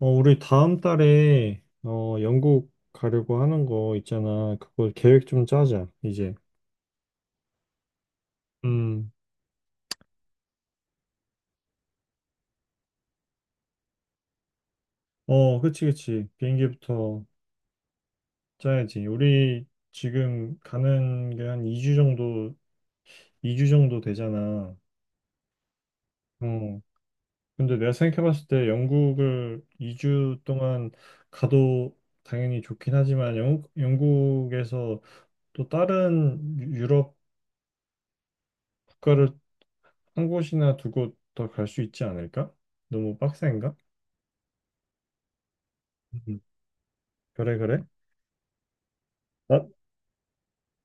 우리 다음 달에 영국 가려고 하는 거 있잖아. 그거 계획 좀 짜자, 이제. 음. 어, 그치, 그치. 비행기부터 짜야지. 우리 지금 가는 게 한 2주 정도, 이 주 정도 되잖아. 어. 근데 내가 생각해봤을 때 영국을 2주 동안 가도 당연히 좋긴 하지만 영국에서 또 다른 유럽 국가를 한 곳이나 두 곳 더 갈 수 있지 않을까? 너무 빡센가? 음. 그래, 그래. 나,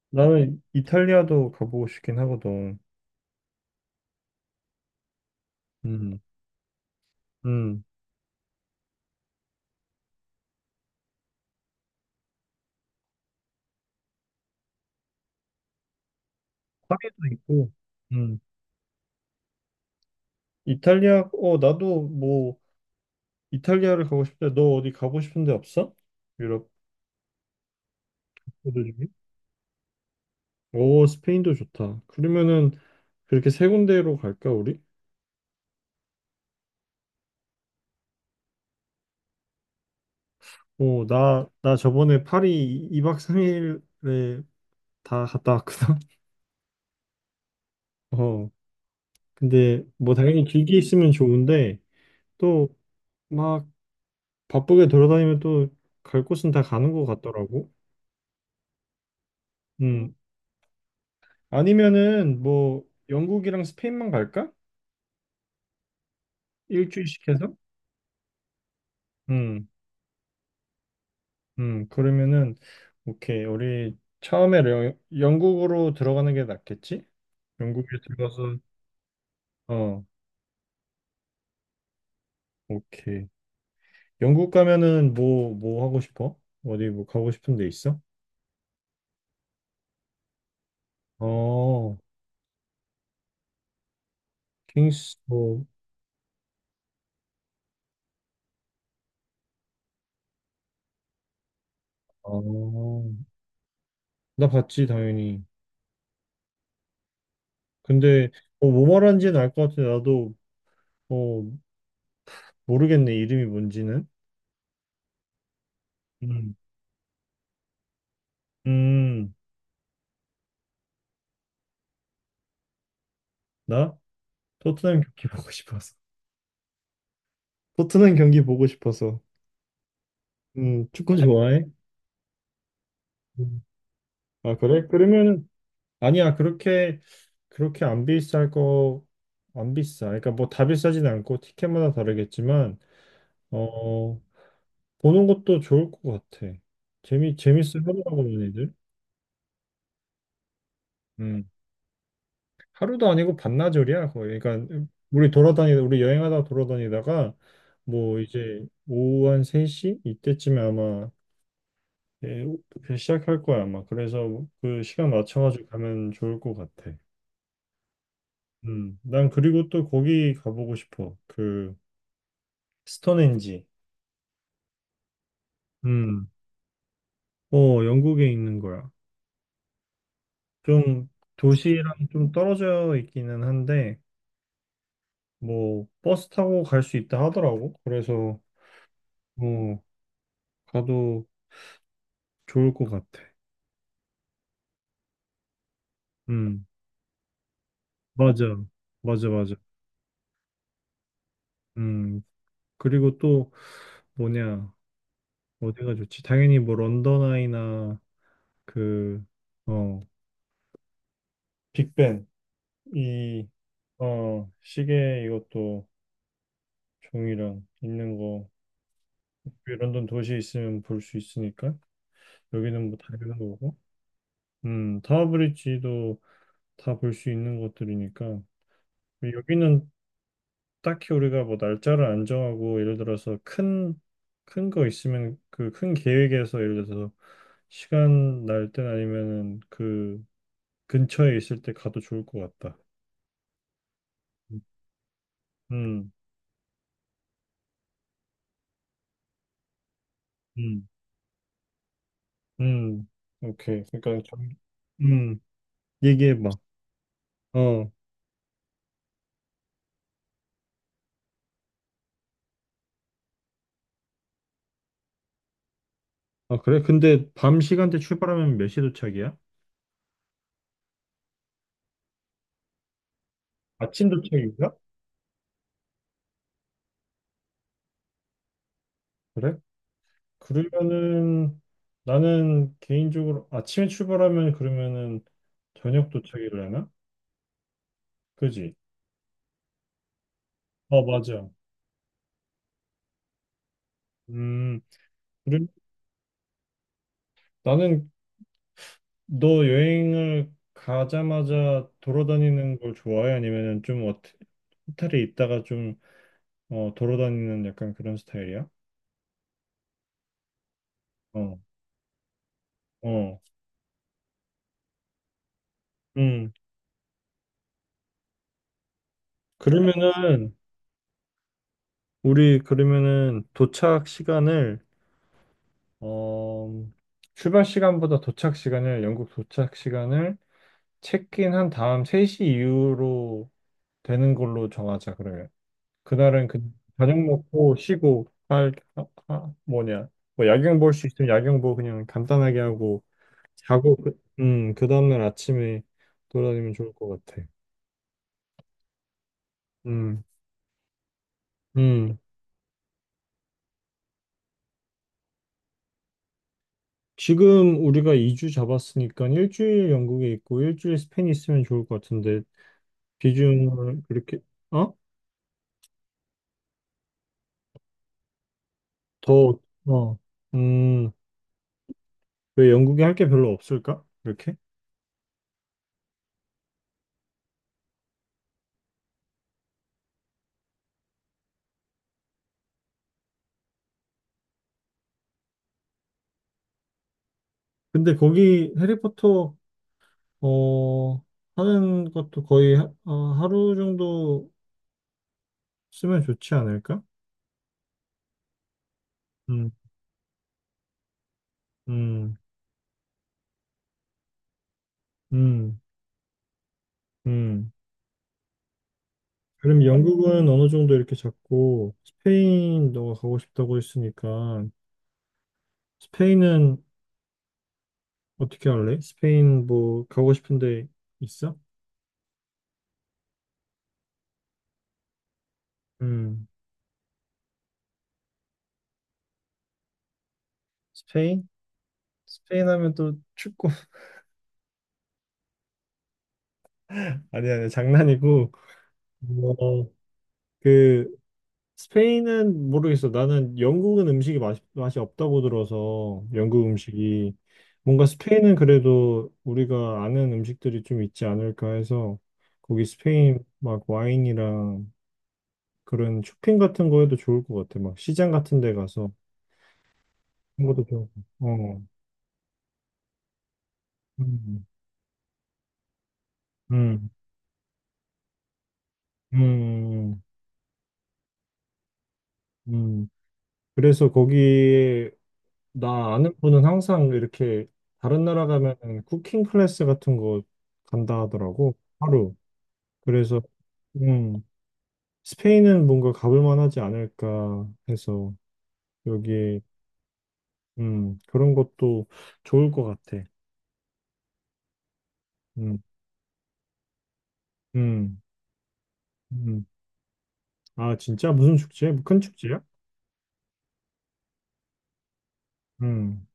나는 이탈리아도 가보고 싶긴 하거든. 음, 음. 파리도 있고, 음. 이탈리아, 나도 뭐, 이탈리아를 가고 싶대. 너 어디 가고 싶은 데 없어? 유럽 국가들 중에? 오, 스페인도 좋다. 그러면은, 그렇게 세 군데로 갈까, 우리? 어, 나 저번에 파리 2박 3일에 다 갔다 왔거든. 어, 근데 뭐 당연히 길게 있으면 좋은데, 또막 바쁘게 돌아다니면 또 갈 곳은 다 가는 것 같더라고. 음. 아니면은 뭐 영국이랑 스페인만 갈까? 일주일씩 해서? 음. 음. 그러면은 오케이. 우리 처음에 영국으로 들어가는 게 낫겠지? 영국에 들어가서 어, 오케이. 영국 가면은 뭐 뭐 하고 싶어? 어디 뭐 가고 싶은 데 있어? 어, 킹스 뭐. 어, 나 봤지 당연히. 근데 뭐 말하는지는 알 것 같아. 나도 어, 모르겠네, 이름이 뭔지는. 음, 음. 나? 토트넘 경기 보고 싶어서. 토트넘 경기 보고 싶어서. 축구 좋아해? 음. 아, 그래? 그러면은, 아니야, 그렇게 안 비쌀 거, 안 비싸. 그러니까 뭐 다 비싸진 않고 티켓마다 다르겠지만, 어, 보는 것도 좋을 것 같아. 재밌어 하더라고, 얘네들. 하루도 아니고 반나절이야 거의. 그러니까 우리 여행하다 돌아다니다가 뭐 이제 오후 한 3시 이때쯤에 아마. 예, 그 시작할 거야 아마. 그래서 그 시간 맞춰가지고 가면 좋을 것 같아. 난 그리고 또 거기 가보고 싶어. 그 스톤헨지. 음, 영국에 있는 거야. 좀 도시랑 좀 떨어져 있기는 한데 뭐 버스 타고 갈 수 있다 하더라고. 그래서 뭐 가도 좋을 것 같아. 음, 맞아. 맞아, 맞아. 음, 그리고 또 뭐냐, 어디가 좋지? 당연히 뭐 런던 아이나 그, 어, 빅벤, 이, 시계 이것도 종이랑 있는 거, 그 런던 도시에 있으면 볼 수 있으니까, 여기는 뭐 다 있는 거고, 타워브리지도 다 볼 수 있는 것들이니까, 여기는 딱히 우리가 뭐 날짜를 안 정하고 예를 들어서 큰 거 있으면 그 큰 계획에서 예를 들어서 시간 날 땐 아니면은 그 근처에 있을 때 가도 좋을 것 같다. 음, 음, 음, 오케이. 그러니까 좀, 음, 얘기해봐. 어, 아 그래? 근데 밤 시간대 출발하면 몇 시 도착이야? 아침 도착인가? 그래? 그러면은 나는 개인적으로 아침에 출발하면 그러면은 저녁 도착이려나? 그지? 어, 맞아. 음, 그리고 나는. 너 여행을 가자마자 돌아다니는 걸 좋아해? 아니면은 좀 어떻게, 호텔에 있다가 좀 돌아다니는 약간 그런 스타일이야? 어, 어, 음. 그러면은 우리 그러면은 도착 시간을 어, 출발 시간보다 도착 시간을 영국 도착 시간을 체크인 한 다음 3시 이후로 되는 걸로 정하자 그러면. 그날은 그 저녁 먹고 쉬고 할 뭐냐 뭐 야경 볼 수 있으면 야경 보고 그냥 간단하게 하고 자고 그 다음날 아침에 돌아다니면 좋을 것 같아. 음, 음. 지금 우리가 2주 잡았으니까 일주일 영국에 있고 일주일 스페인 있으면 좋을 것 같은데 비중을 그렇게. 어? 더. 어. 음. 왜 영국에 할 게 별로 없을까? 이렇게? 근데 거기 해리포터 어, 하는 것도 거의 하루 정도 쓰면 좋지 않을까? 음, 음, 음, 음. 그럼 영국은 어느 정도 이렇게 잡고 스페인 너가 가고 싶다고 했으니까 스페인은 어떻게 할래? 스페인 뭐 가고 싶은데 있어? 음, 스페인? 스페인 하면 또 축구. 아니 아니 장난이고 뭐그 스페인은 모르겠어. 나는 영국은 음식이 맛이 없다고 들어서 영국 음식이 뭔가 스페인은 그래도 우리가 아는 음식들이 좀 있지 않을까 해서 거기 스페인 막 와인이랑 그런 쇼핑 같은 거에도 좋을 것 같아. 막 시장 같은 데 가서 그런 것도 좋고. 어. 음. 음. 음. 음. 음. 그래서 거기에 나 아는 분은 항상 이렇게 다른 나라 가면 쿠킹 클래스 같은 거 간다 하더라고. 하루. 그래서 음, 스페인은 뭔가 가볼 만하지 않을까 해서 여기 그런 것도 좋을 것 같아. 음, 음, 음. 아, 진짜 무슨 축제? 뭐 큰 축제야? 음,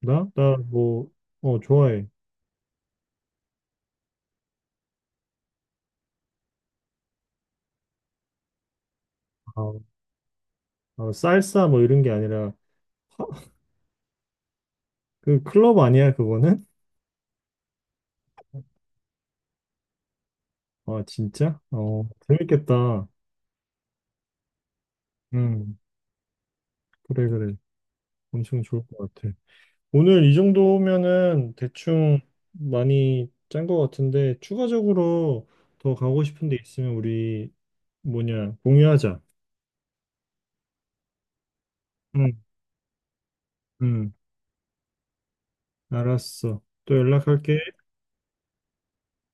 나? 나 뭐, 좋아해. 아, 살사 뭐 이런 게 아니라 하, 그 클럽 아니야, 그거는? 아, 진짜? 어, 재밌겠다. 음, 그래, 그래. 엄청 좋을 것 같아. 오늘 이 정도면은 대충 많이 짠 것 같은데 추가적으로 더 가고 싶은 데 있으면 우리 뭐냐 공유하자. 응, 응, 알았어. 또 연락할게.